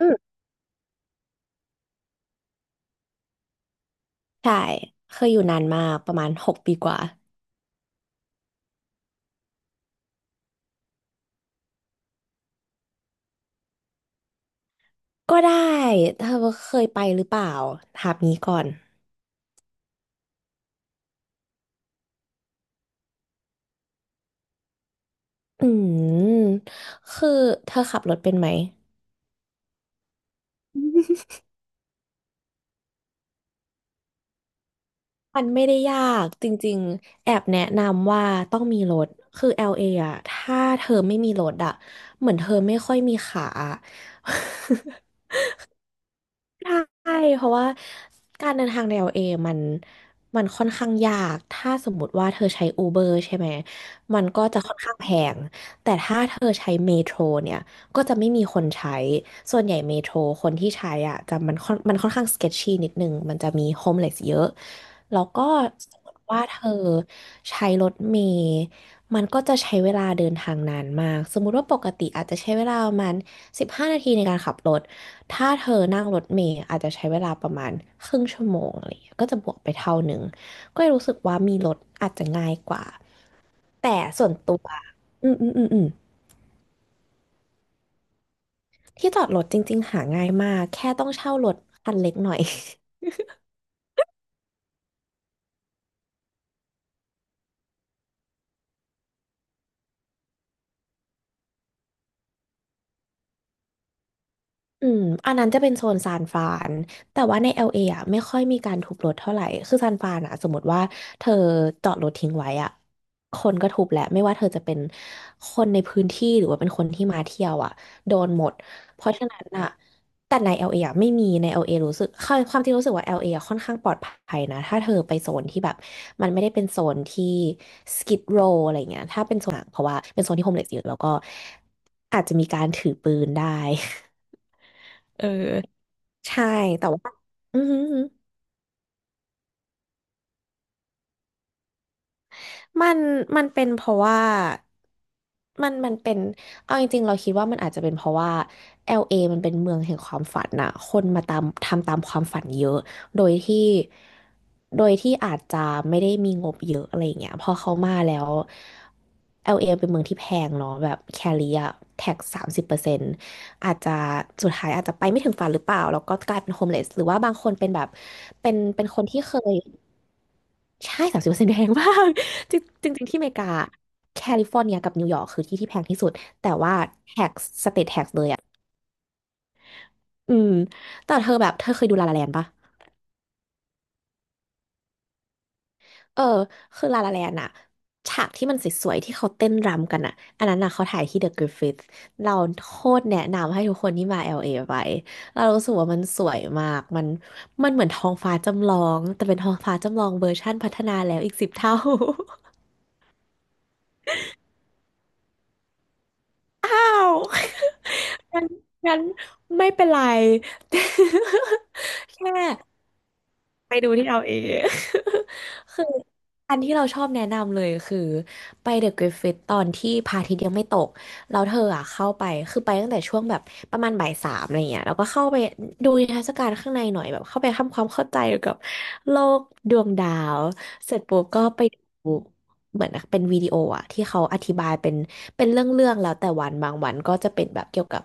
อืมใช่เคยอยู่นานมากประมาณ6 ปีกว่าก็ได้เธอเคยไปหรือเปล่าถามนี้ก่อนอืมคือเธอขับรถเป็นไหม มันไม่ได้ยากจริงๆแอบแนะนำว่าต้องมีรถคือ LA อ่ะถ้าเธอไม่มีรถอะเหมือนเธอไม่ค่อยมีขาอะ ใช่เพราะว่าการเดินทางในว a มันมันค่อนข้างยาก ถ้าสมมติว่าเธอใช้ Uber ใช่ไหมมันก็จะค่อนข้างแพง แต่ถ้าเธอใช้เมโทรเนี่ย ก็จะไม่มีคนใช้ ส่วนใหญ่เมโทรคนที่ใช้อ่ะจะมันค่อนข้าง sketchy นิดนึงมันจะมี homeless เยอะ แล้วก็สมมติว่าเธอใช้รถเมล์มันก็จะใช้เวลาเดินทางนานมากสมมุติว่าปกติอาจจะใช้เวลาประมาณ15 นาทีในการขับรถ ถ้าเธอนั่งรถเมล์อาจจะใช้เวลาประมาณครึ่งชั่วโมงอะไรอย่างเงี้ยก็จะบวกไปเท่าหนึ่งก็เลยรู้สึกว่ามีรถอาจจะง่ายกว่าแต่ส่วนตัวอืมอืมอืมอืมที่จอดรถจริงๆหาง่ายมากแค่ต้องเช่ารถคันเล็กหน่อย อืมอันนั้นจะเป็นโซนซานฟรานแต่ว่าใน LA อลเออ่ะไม่ค่อยมีการทุบรถเท่าไหร่คือซานฟรานอ่ะสมมติว่าเธอจอดรถทิ้งไว้อ่ะคนก็ทุบแหละไม่ว่าเธอจะเป็นคนในพื้นที่หรือว่าเป็นคนที่มาเที่ยวอ่ะโดนหมดเพราะฉะนั้นอ่ะแต่ใน LA อลเออ่ะไม่มีใน LA รู้สึกความจริงรู้สึกว่า LA อลเออ่ะค่อนข้างปลอดภัยนะถ้าเธอไปโซนที่แบบมันไม่ได้เป็นโซนที่ Skid Row อะไรเงี้ยถ้าเป็นโซนหนังเพราะว่าเป็นโซนที่โฮมเลสเยอะแล้วก็อาจจะมีการถือปืนได้ เออใช่แต่ว่าอือหือหือมันมันเป็นเพราะว่ามันเป็นเอาจริงๆเราคิดว่ามันอาจจะเป็นเพราะว่าแอลเอมันเป็นเมืองแห่งความฝันน่ะคนมาตามทำตามความฝันเยอะโดยที่โดยที่อาจจะไม่ได้มีงบเยอะอะไรอย่างเงี้ยพอเขามาแล้ว LA เอเป็นเมืองที่แพงเนาะแบบแคลิอะแท็กสามสิบเปอร์เซ็นต์อาจจะสุดท้ายอาจจะไปไม่ถึงฝันหรือเปล่าแล้วก็กลายเป็นโฮมเลสหรือว่าบางคนเป็นแบบเป็นคนที่เคย ใช่30%แพงมาก จริงจริงๆที่อเมริกาแคลิฟอร์เนียกับนิวยอร์กคือที่ที่แพงที่สุด แต่ว่าแท็กสเตทแทกเลยอ่ะอืมแต่เธอแบบเธอเคยดูลาลาแลนด์ปะ เออ คือลาลาแลนด์อะฉากที่มันสวยๆที่เขาเต้นรำกันอะอันนั้นอะเขาถ่ายที่เดอะกริฟฟิธเราโคตรแนะนำให้ทุกคนที่มา LA ไปเรารู้สึกว่ามันสวยมาก มันเหมือนท้องฟ้าจำลองแต่เป็นท้องฟ้าจำลองเวอร์ชั่นพัฒนาแล้วอีก10 เท่า งั้นงั้นไม่เป็นไร แค่ ไปดูที่เราเอง คืออันที่เราชอบแนะนำเลยคือไปเดอะกริฟฟิตตอนที่พระอาทิตย์ยังไม่ตกแล้วเธออ่ะเข้าไปคือไปตั้งแต่ช่วงแบบประมาณบ่ายสามอะไรเงี้ยแล้วก็เข้าไปดูนิทรรศการข้างในหน่อยแบบเข้าไปทำความเข้าใจเกี่ยวกับโลกดวงดาวเสร็จปุ๊บก็ไปดูเหมือนเป็นวิดีโออ่ะที่เขาอธิบายเป็นเรื่องๆแล้วแต่วันบางวันก็จะเป็นแบบเกี่ยวกับ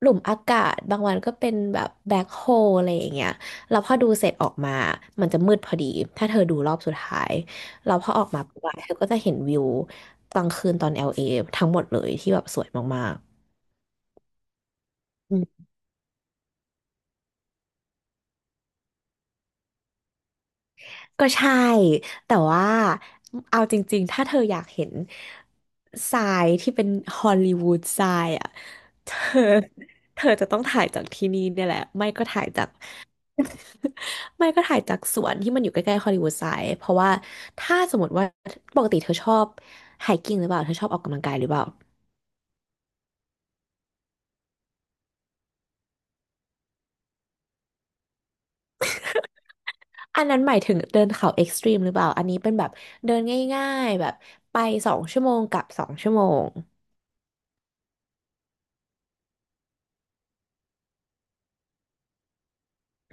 หลุมอากาศบางวันก็เป็นแบบแบ็คโฮอะไรอย่างเงี้ย แล้วพอดูเสร็จออกมามันจะมืดพอดี ถ้าเธอดูรอบสุดท้ายแล้วพอออกมาปุ๊บอะเธอก็จะเห็นวิวกลางคืนตอน LA ทั้งหมดเลยที่แบบสวยมากๆก็ใช่ แต่ว่าเอาจริงๆ ถ้าเธออยากเห็นทรายที่เป็นฮอลลีวูดทรายอ่ะเธอเธอจะต้องถ่ายจากที่นี่เนี่ยแหละไม่ก็ถ่ายจาก ไม่ก็ถ่ายจากสวนที่มันอยู่ใกล้ๆฮอลลีวูดไซด์เพราะว่าถ้าสมมติว่าปกติเธอชอบไฮกิ้งหรือเปล่าเธอชอบออกกำลังกายหรือเปล่าอันนั้นหมายถึงเดินเขาเอ็กซ์ตรีมหรือเปล่าอันนี้เป็นแบบเดินง่ายๆแบบไปสองชั่วโมงกลับสองชั่วโมง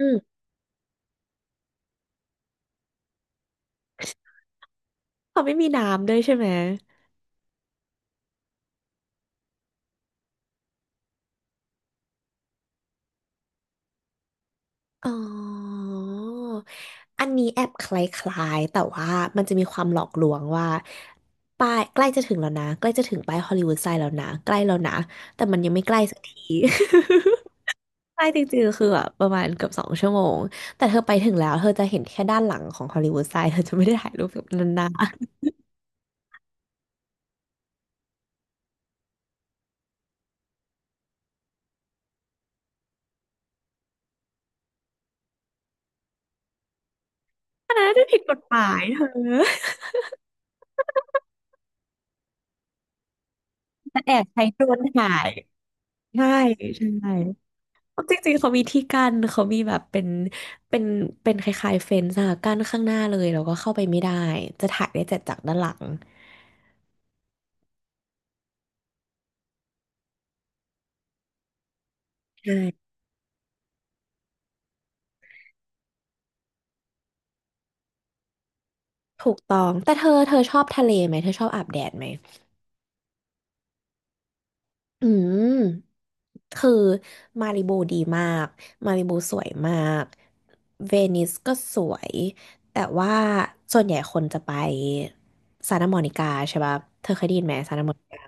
อืมเขาไม่มีน้ำด้วยใช่ไหมอ๋ออันนี้แอบคล้ายๆแต่ว่ามันจะมีความหลอกลวงว่าป้ายใกล้จะถึงแล้วนะใกล้จะถึงป้ายฮอลลีวูดไซด์แล้วนะใกล้แล้วนะแต่มันยังไม่ใกล้สักที ใช่จริงๆคือแบบประมาณเกือบสองชั่วโมงแต่เธอไปถึงแล้วเธอจะเห็นแค่ด้านหลังของฮอลลีวูดไซด์เธอจะไม่ได้ถ่ายรูปแบบนั้นนะผิดกฎหมายเธอแต่แอบใช้โดรนถ่าย ใช่ใช่เพราะจริงๆเขามีที่กั้นเขามีแบบเป็นเป็นคล้ายๆเฟนส์อะกั้นข้างหน้าเลยแล้วก็เข้าไปไม่ได้จะถ่ายได้แต่จากด้านหลังใช่ถูกต้องแต่เธอชอบทะเลไหมเธอชอบอาบแดดไหมอืม คือมาริบูดีมาก มาริบูสวยมาก เวนิสก็สวย แต่ว่าส่วนใหญ่คนจะไปซานตาโมนิกาใช่ปะเธอเคยได้ยินไหมซานตาโมนิกา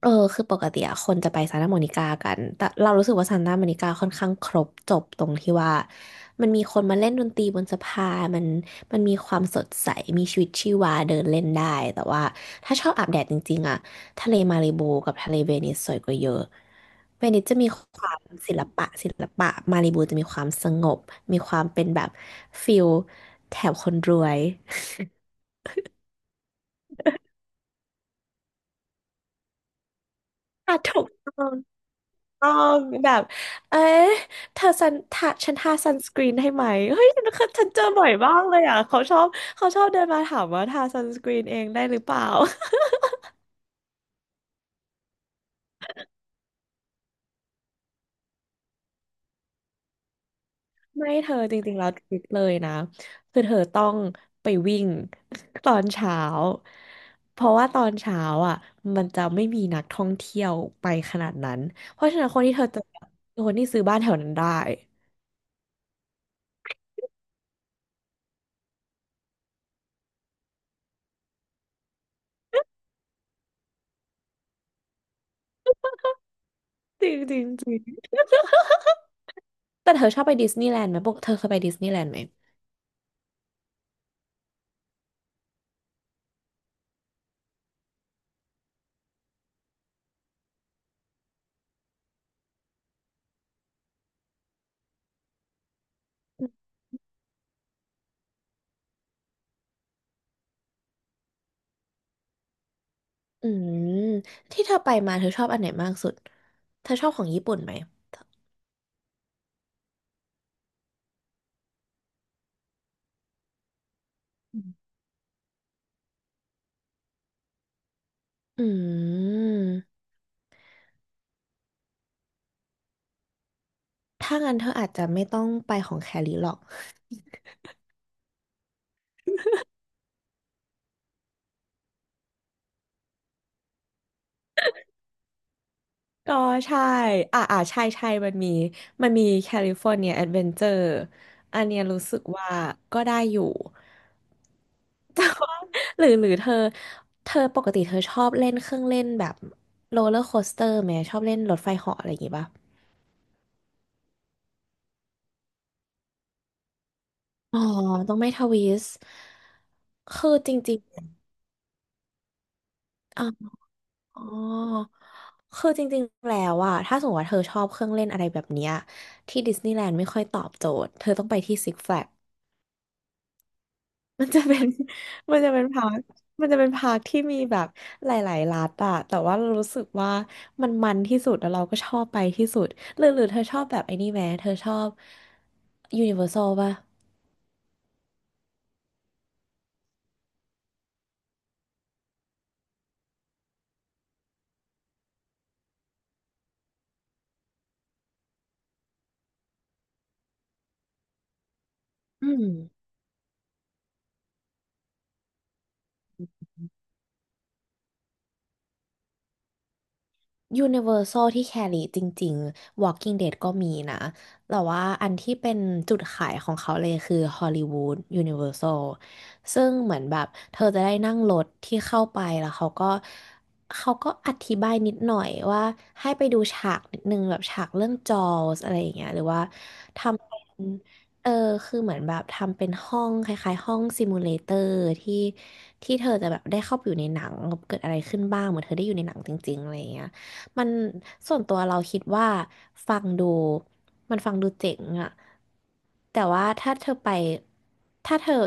เออคือปกติอะคนจะไปซานตาโมนิกากันแต่เรารู้สึกว่าซานตาโมนิกาค่อนข้างครบจบตรงที่ว่ามันมีคนมาเล่นดนตรีบนสะพานมันมีความสดใสมีชีวิตชีวาเดินเล่นได้แต่ว่าถ้าชอบอาบแดดจริงๆอะทะเลมารลโบกับทะเลเวนิสสวยกว่าเยอะเวนิสจะมีความศิลปะศิลปะมารลบบจะมีความสงบมีความเป็นแบบฟิลแถบคนรวย อ่ะถูกต้อง ต้องแบบเอ๊ะเธอซันทาฉันทาซันสกรีนให้ไหม เฮ้ยฉันเคยฉันเจอบ่อยมากเลยอ่ะเขาชอบเขาชอบเดินมาถามว่าทาซันสกรีนเองได้หรือเปล่า ไม่เธอจริงๆแล้วทริคเลยนะคือเธอต้องไปวิ่ง ตอนเช้าเพราะว่าตอนเช้าอ่ะมันจะไม่มีนักท่องเที่ยวไปขนาดนั้นเพราะฉะนั้นคนที่เธอเจอคือคนที่ซื้อบ้านแถวนั้นได้ จริงจริงจริงแต่เธอชอบไปดิสนีย์แลนด์ไหมปกเธอเคยไปดิสนีย์แลนด์ไหม อืมที่เธอไปมาเธอชอบอันไหนมากสุดเธอชอบของญี่ปุ่นไหมอืมอืมถ้างั้นเธออาจจะไม่ต้องไปของแคลิหรอกก็ใช่อ่าอ่าใช่ใช่มันมีมันมีแคลิฟอร์เนียแอดเวนเจอร์อันเนี้ยรู้สึกว่าก็ได้อยู่ แต่ว่าหรือเธอเธอปกติเธอชอบเล่นเครื่องเล่นแบบโรลเลอร์โคสเตอร์ไหมชอบเล่นรถไฟเหาะอะไรอย่างงี้ป่ะอ๋อต้องไม่ทวิสต์คือจริงๆอ๋อ อ๋อ คือจริงๆแล้วอะถ้าสมมติว่าเธอชอบเครื่องเล่นอะไรแบบเนี้ยที่ดิสนีย์แลนด์ไม่ค่อยตอบโจทย์ เธอต้องไปที่ซิกแฟลก มันจะเป็น มันจะเป็นพาร์คมันจะเป็นพาร์คที่มีแบบหลายๆรัฐอะแต่ว่าเรารู้สึกว่ามันที่สุดแล้วเราก็ชอบไปที่สุด หรือเธอชอบแบบไอ้นี่ไหมเธอชอบยูนิเวอร์แซลป่ะอืม ยูนิเวอร์ซลที่แคลิจริงๆ Walking Dead ก็มีนะแต่ว่าอันที่เป็นจุดขายของเขาเลยคือฮอลลีวูดยูนิเวอร์ซลซึ่งเหมือนแบบเธอจะได้นั่งรถที่เข้าไปแล้วเขาก็อธิบายนิดหน่อยว่าให้ไปดูฉากนิดนึงแบบฉากเรื่องจอสอะไรอย่างเงี้ยหรือว่าทำเป็นเออคือเหมือนแบบทำเป็นห้องคล้ายๆห้องซิมูเลเตอร์ที่ที่เธอจะแบบได้เข้าไปอยู่ในหนังเกิดอะไรขึ้นบ้างเหมือนเธอได้อยู่ในหนังจริงๆอะไรอย่างเงี้ย มันส่วนตัวเราคิดว่าฟังดูมันฟังดูเจ๋งอะแต่ว่าถ้าเธอไปถ้าเธอ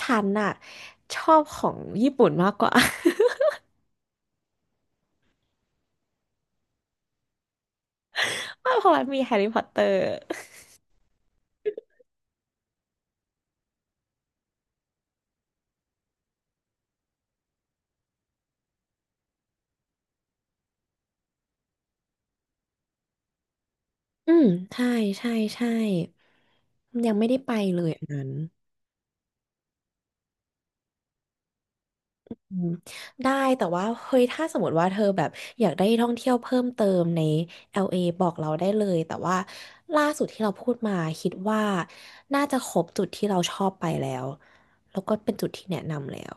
ฉันอะชอบของญี่ปุ่นมากกว่า ว่ากเพราะมันมีแฮร์รี่พอตเตอร์อืมใช่ใช่ใช่ยังไม่ได้ไปเลยอันนั้น อืมได้แต่ว่าเฮ้ยถ้าสมมติว่าเธอแบบอยากได้ท่องเที่ยวเพิ่มเติมใน LA บอกเราได้เลยแต่ว่าล่าสุดที่เราพูดมาคิดว่าน่าจะครบจุดที่เราชอบไปแล้วแล้วก็เป็นจุดที่แนะนำแล้ว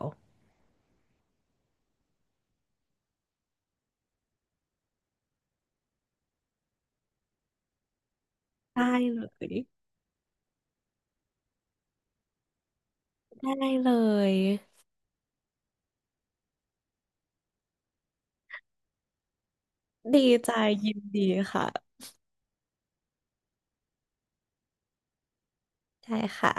ได้เลยได้เลยดีใจยินดีค่ะใช่ค่ะ